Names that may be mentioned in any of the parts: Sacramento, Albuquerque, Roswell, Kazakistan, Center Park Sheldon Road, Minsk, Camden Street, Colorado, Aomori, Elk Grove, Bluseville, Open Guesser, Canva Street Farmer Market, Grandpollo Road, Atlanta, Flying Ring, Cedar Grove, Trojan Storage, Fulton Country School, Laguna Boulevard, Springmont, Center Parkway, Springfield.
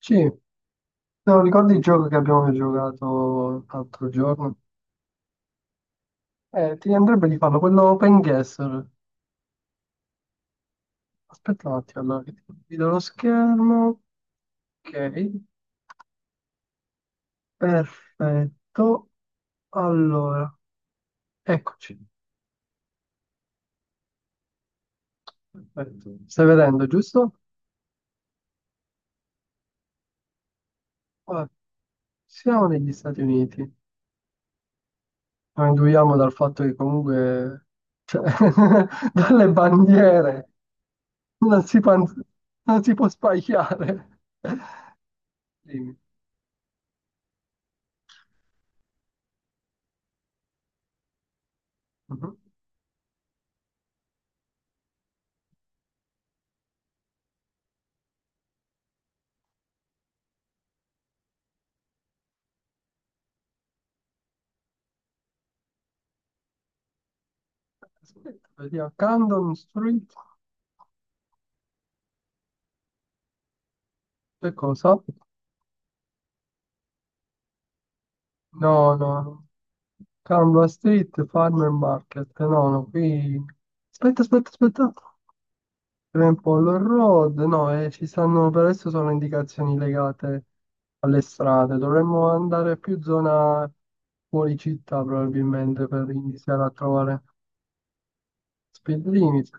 Sì, no, ricordi il gioco che abbiamo giocato l'altro giorno? Ti andrebbe di farlo, quello Open Guesser. Aspetta un attimo, allora, che ti condivido lo schermo. Ok, perfetto. Allora, eccoci. Perfetto. Stai vedendo, giusto? Ora, siamo negli Stati Uniti. Lo induiamo dal fatto che comunque, cioè, dalle bandiere, non si, pan- non si può sbagliare. Dimmi. Mhm. Vediamo, Camden Street. Che cosa? No, no, no. Canva Street Farmer Market. No, no, qui... Aspetta, aspetta, aspetta. Grandpollo Road. No, ci stanno per adesso sono indicazioni legate alle strade. Dovremmo andare più zona fuori città probabilmente per iniziare a trovare speed limit.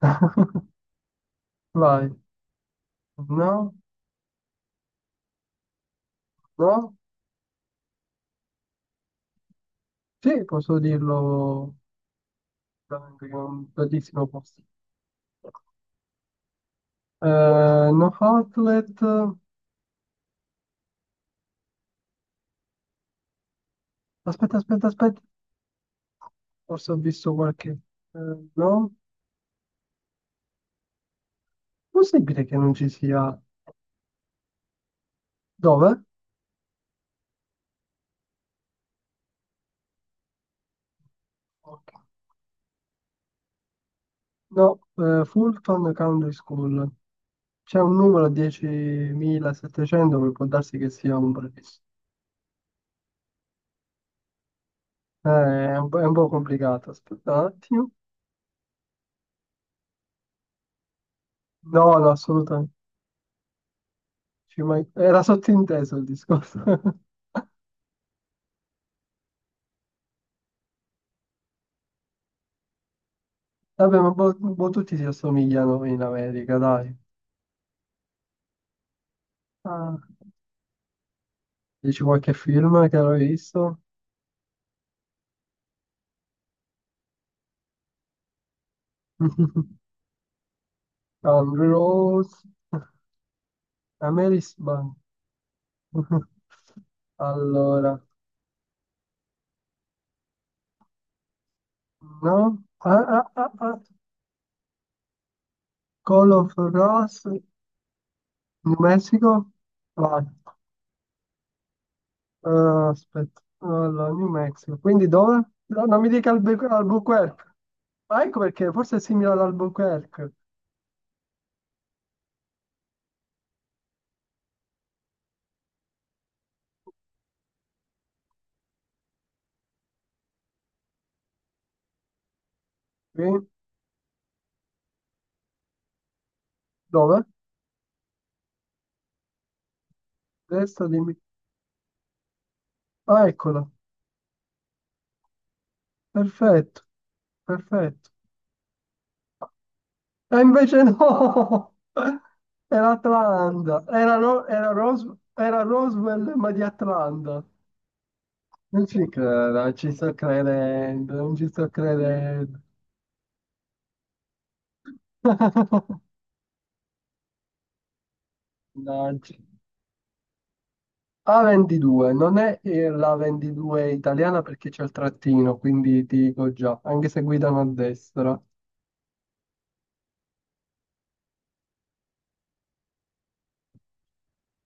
Vai. No? No? Sì, posso dirlo veramente che è un bellissimo posto. Eh, no Outlet. Aspetta, aspetta, aspetta. Forse ho visto qualche. eh, no, possibile che non ci sia. Dove? Ok. No, Fulton Country School. C'è un numero 10.700 che può darsi che sia un prefisso. Eh, è un po' complicato. Aspetta un attimo. No, no, assolutamente. Era sottinteso il discorso. Vabbè, ma un po' tutti si assomigliano in America, dai. Ah. Dici qualche film che avevi visto? Country Roads, Amiris Band. Allora, no? Ah, ah, ah, ah. Call of Ross, New Mexico? Vai, aspetta, allora, New Mexico. Quindi dove? No, non mi dica Albuquerque. Ah, ecco perché, forse è simile ad Albuquerque. Quindi, dove? Destra, dimmi. Ah, eccola. Perfetto, perfetto. E invece no! Era Atlanta. Era, Roswell, ma di Atlanta. Non ci credo, non ci sto credendo, non ci sto credendo. Mannaggia. A22, non è la 22 italiana perché c'è il trattino, quindi ti dico già, anche se guidano a destra.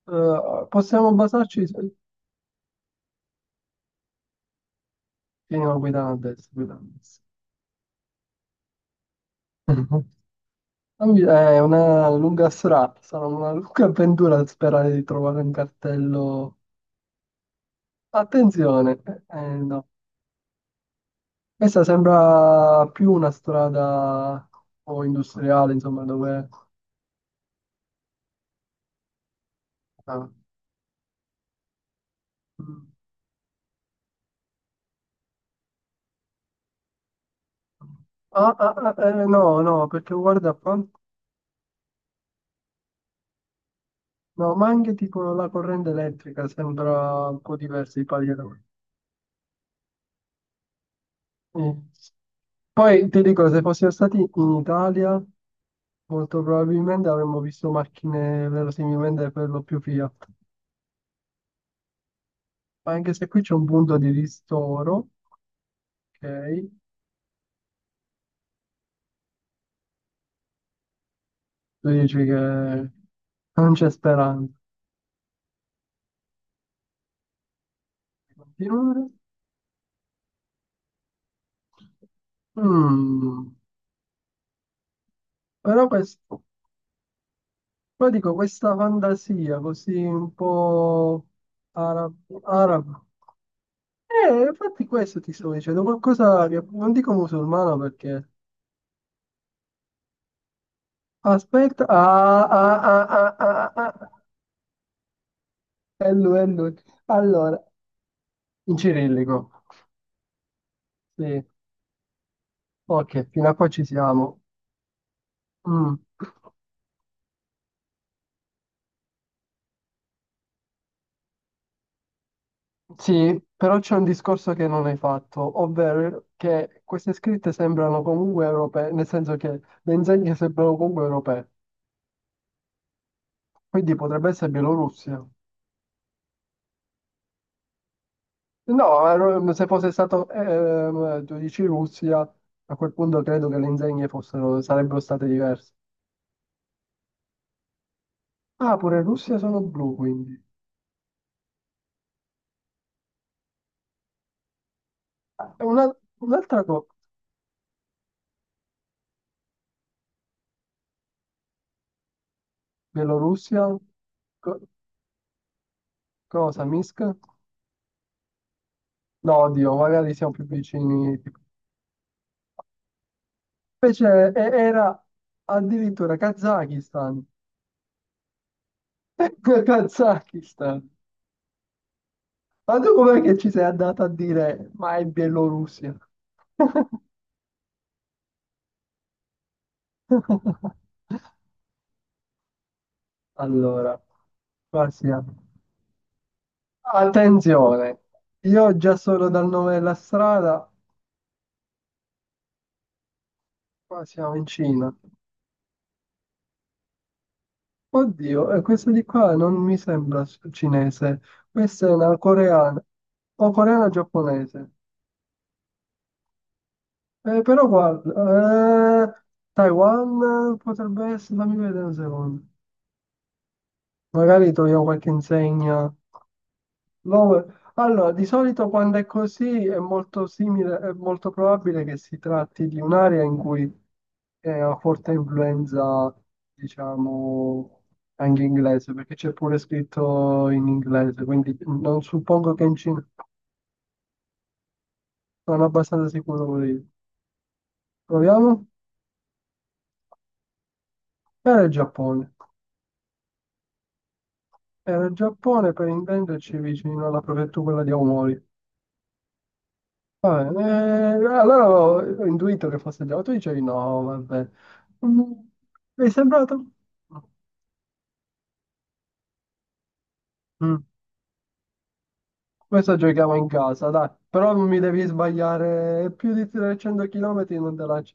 Possiamo basarci su... Sì, no, guidano a destra, guidano a destra. È una lunga strada, sarà una lunga avventura sperare di trovare un cartello. Attenzione, no. Questa sembra più una strada un po' industriale, insomma, dove... Ah, mm. No, no, perché guarda qua, no, ma anche tipo la corrente elettrica sembra un po' diversa i pali. Poi ti dico, se fossimo stati in Italia... Molto probabilmente avremmo visto macchine verosimilmente per lo più Fiat. Ma anche se qui c'è un punto di ristoro, ok? Tu dici che non c'è speranza di continuare. Mm, Però questo, però dico, questa fantasia così un po' arabo, arabo. Infatti questo ti sto dicendo, qualcosa che non dico musulmano perché... Aspetta, ah, ah, ah, ah, ah, ah, ah. Hello, hello. Allora, in cirillico. Sì, ok, fino a qua ci siamo. Mm. Sì, però c'è un discorso che non hai fatto, ovvero che queste scritte sembrano comunque europee, nel senso che le insegne sembrano comunque europee, quindi potrebbe essere Bielorussia. No, se fosse stato, tu dici Russia, a quel punto credo che le insegne fossero, sarebbero state diverse. Ah, pure Russia sono blu, quindi. Ah, un'altra cosa. Bielorussia? Co- Cosa? Minsk? No, oddio, magari siamo più vicini. Invece era addirittura Kazakistan. Kazakistan. Ma tu com'è che ci sei andata a dire, ma è Bielorussia? Allora, qua siamo. Attenzione, io già solo dal nome della strada, qua siamo in Cina. Oddio, questa di qua non mi sembra cinese, questa è una coreana o coreana giapponese. Però guarda, Taiwan potrebbe essere, fammi vedere un secondo. Magari troviamo qualche insegna. No, allora, di solito quando è così è molto simile, è molto probabile che si tratti di un'area in cui è una forte influenza, diciamo, anche inglese, perché c'è pure scritto in inglese, quindi non suppongo che in Cina, sono abbastanza sicuro pure io. Proviamo? Era il Giappone. Era il Giappone, per intenderci, vicino alla prefettura quella di Aomori. Ah, allora ho intuito che fosse Giacomo, tu dicevi no, vabbè. Mm, Mi è sembrato... Mm, Questo giochiamo in casa, dai, però non mi devi sbagliare più di 300 km non te la...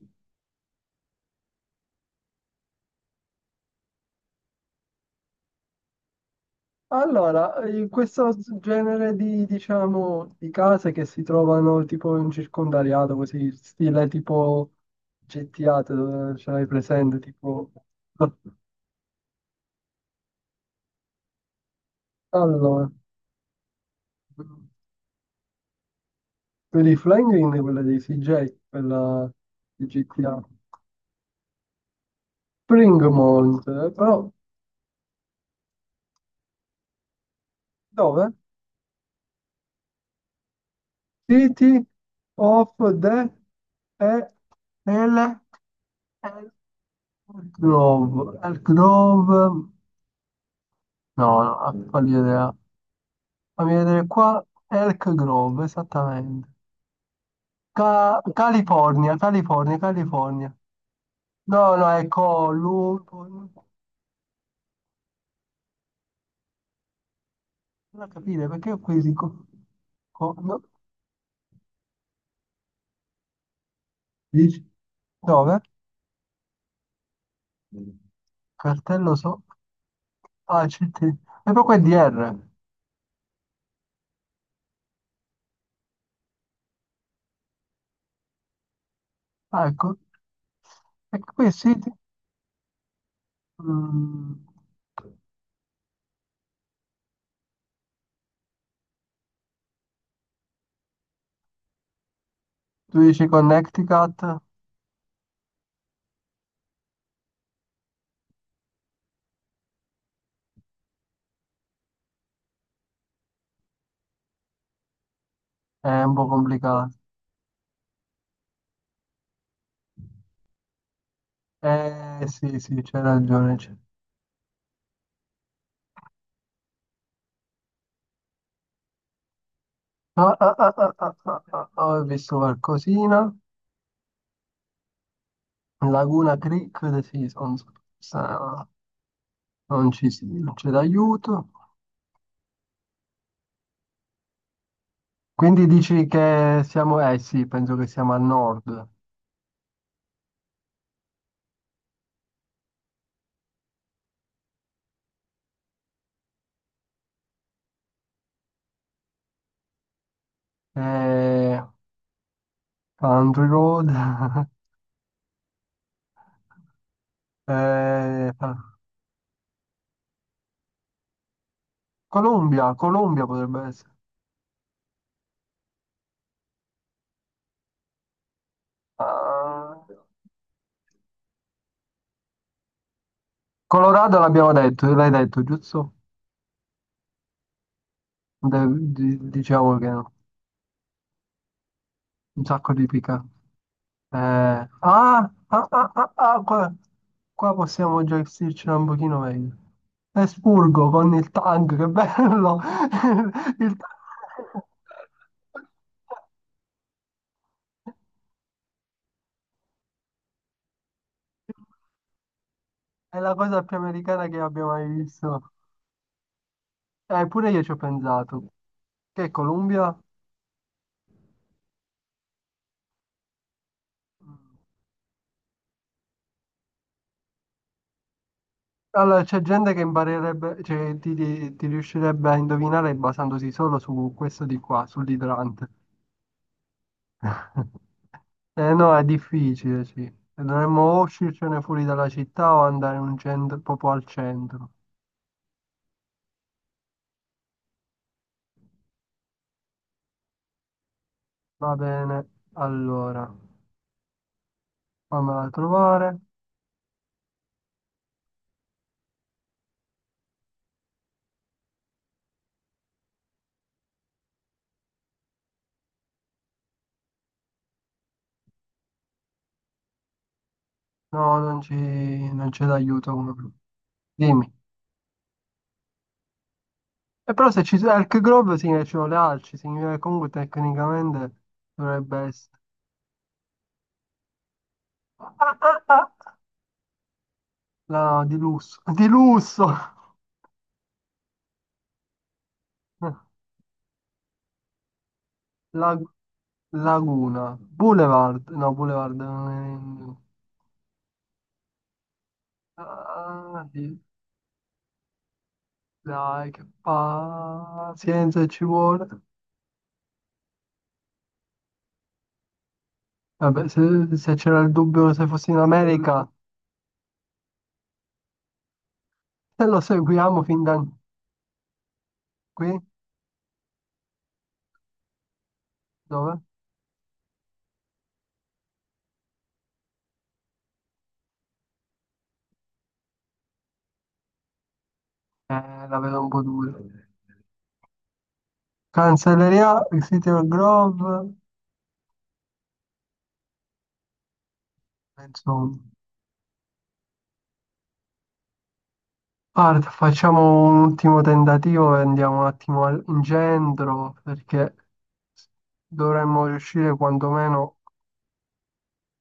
Allora, questo genere di, diciamo, di case che si trovano tipo in circondariato, così, stile tipo GTA, ce l'hai presente, tipo... Allora... Vedi Flying Ring è quella dei CJ, quella di GTA. Springmont, però dove? City of the e el el- Grove, Elk Grove, no, no, fammi vedere qua, Elk Grove, esattamente. California, California, California. No, no, è non a capire perché ho questi no. 10, 9, cartello ah, CT, e poi qua è DR, ah, ecco, e qui sì, mm, tu dici Connecticut, è un po' complicato, eh sì, sì, c'hai ragione, ah, ah, ah, ah, ah, ah, ah, ah, ah, ho visto qualcosina, Laguna Creek, sì, sa- non non c'è d'aiuto, quindi dici che siamo, eh sì, penso che siamo al nord, eh, Country Road, Eh, Colombia, Colombia potrebbe essere. Ah, Colorado l'abbiamo detto, l'hai detto, giusto? De- diciamo che no. Un sacco di pica. Eh, ah, ah, ah, ah, ah, qua, qua possiamo già gestircela un pochino meglio. Esburgo con il tank, che bello! Il tank. È la cosa più americana che abbia mai visto. Eppure io ci ho pensato. Che è Colombia? Allora, c'è gente che imparerebbe, cioè, ti riuscirebbe a indovinare basandosi solo su questo di qua, sull'idrante. Eh no, è difficile, sì. E dovremmo o uscircene fuori dalla città o andare in un centro, proprio al centro. Va bene, allora, fammela trovare. No, non c'è d'aiuto uno più. Dimmi. E però se ci sono Elk Grove significa che ci sono le alci, significa che comunque tecnicamente dovrebbe essere... Ah, ah, ah! La di lusso, di lusso! La- Laguna, Boulevard, no, Boulevard non è... Ah, dai, che pazienza ci vuole. Vabbè, se c'era il dubbio se fossi in America, se lo seguiamo fin da qui, dove? La vedo un po' dura. Cancelleria, Cedar Grove, insomma. Guarda, facciamo un ultimo tentativo e andiamo un attimo in centro, perché... dovremmo riuscire quantomeno...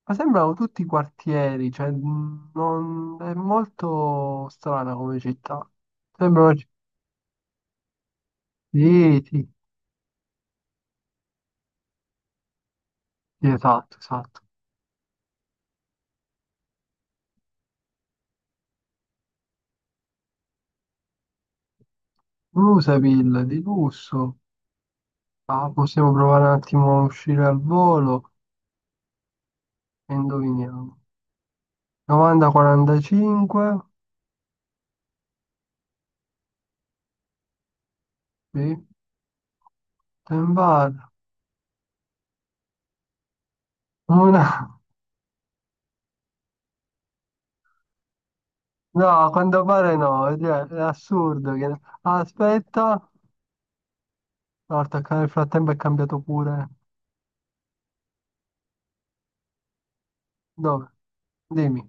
Ma sembrano tutti quartieri, cioè non... è molto strana come città. Sembrano... Sì, sì, sì, esatto, esatto. Bluseville, di lusso. Ah, possiamo provare un attimo a uscire al volo e indoviniamo. 90-45, sì, Ten Bar. Una... No, a quanto pare no, cioè, è assurdo che... Aspetta, no, il frattempo è cambiato pure. Dove? Dimmi.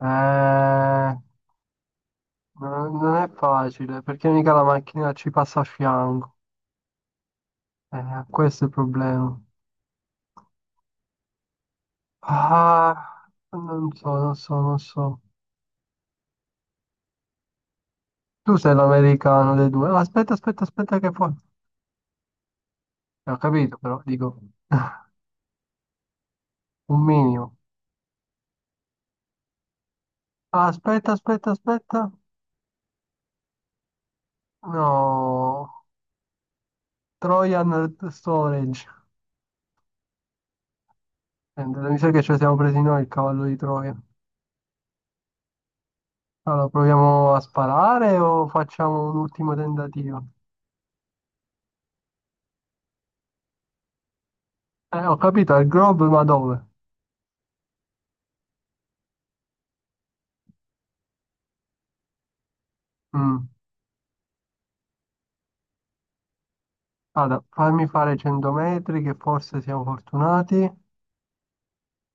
Eh, Non è facile perché mica la macchina ci passa a fianco. Questo è il problema. Ah, non so, non so, non so. Tu sei l'americano dei due. Ah, aspetta, aspetta, aspetta che poi... Ho capito, però dico un minimo. Ah, aspetta, aspetta, aspetta. No, Trojan Storage. Mi sa che ci siamo presi noi il cavallo di Troia. Allora, proviamo a sparare o facciamo un ultimo tentativo? Ho capito, al grob, ma dove? Mm. Guarda, fammi fare 100 metri, che forse siamo fortunati.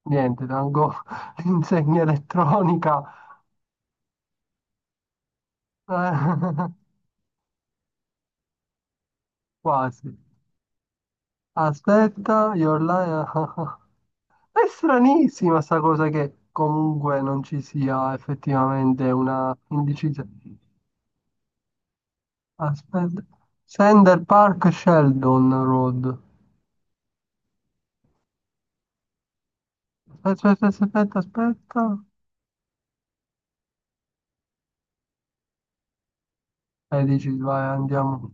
Niente, tengo l'insegna elettronica. Eh, Quasi. Aspetta, è stranissima sta cosa che comunque non ci sia effettivamente una indicizia. Aspetta. Center Park Sheldon Road. Aspetta, aspetta, aspetta, aspetta. E dici, vai, andiamo.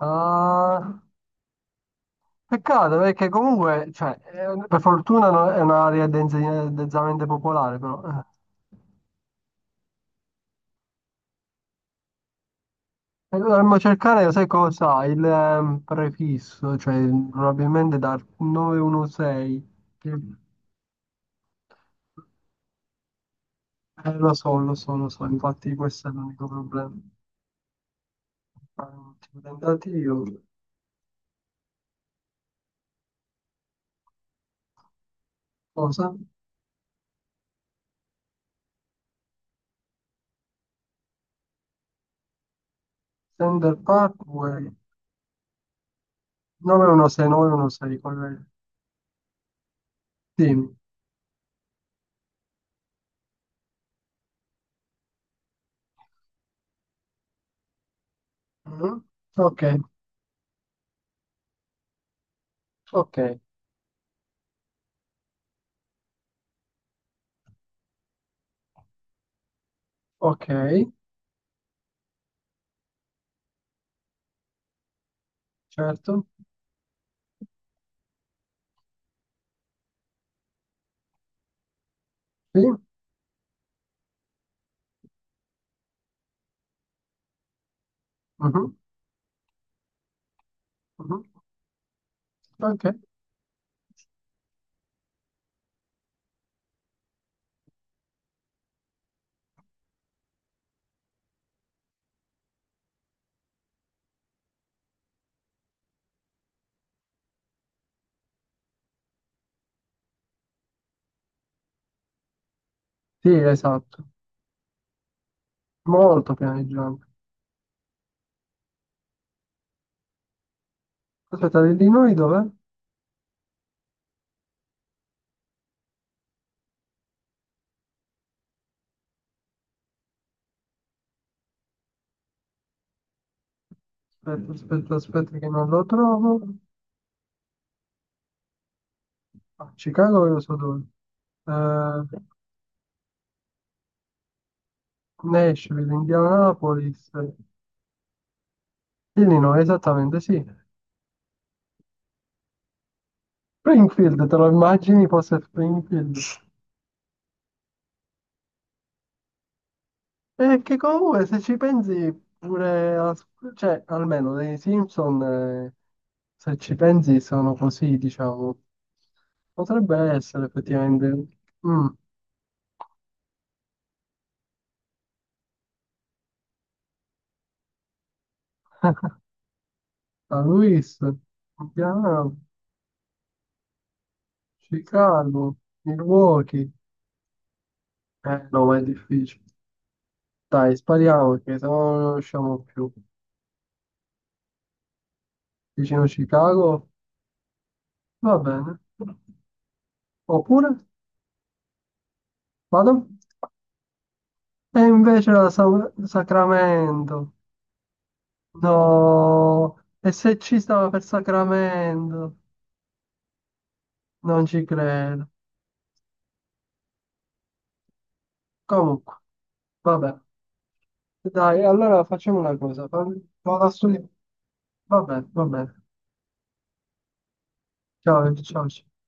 Ah, peccato perché comunque, cioè, è un- per fortuna no- è un'area dense- densamente popolare, però. Eh. E dovremmo cercare, sai cosa? Il prefisso, cioè probabilmente dal 916. che- lo so, lo so, lo so, infatti questo è l'unico problema. Fare un ultimo tentativo. Cosa? Center Parkway 916, 916, corretto. Sì. Mm, ok, ok, ok, certo. Sì, mhm, mhm, ok. Sì, esatto. Molto pianeggiante. Aspetta, di noi dov'è? Aspetta, aspetta, aspetta che non lo trovo. Ah, Chicago io so dove. Eh, Nashville, Indianapolis. Illinois, esattamente, sì. Springfield, te lo immagini fosse Springfield? Perché comunque se ci pensi pure, cioè almeno dei Simpson, se ci pensi sono così, diciamo. Potrebbe essere effettivamente. Mm. San Luis, Milano, Chicago, Milwaukee. No, ma è difficile. Dai, spariamo perché se no non riusciamo più. Vicino Chicago, va bene. Oppure, vado. E invece la Sacramento. No, e se ci stava per Sacramento? Non ci credo. Comunque, vabbè. Dai, allora facciamo una cosa. Vado a studiare. Vabbè, vabbè. Ciao, ciao. Ciao.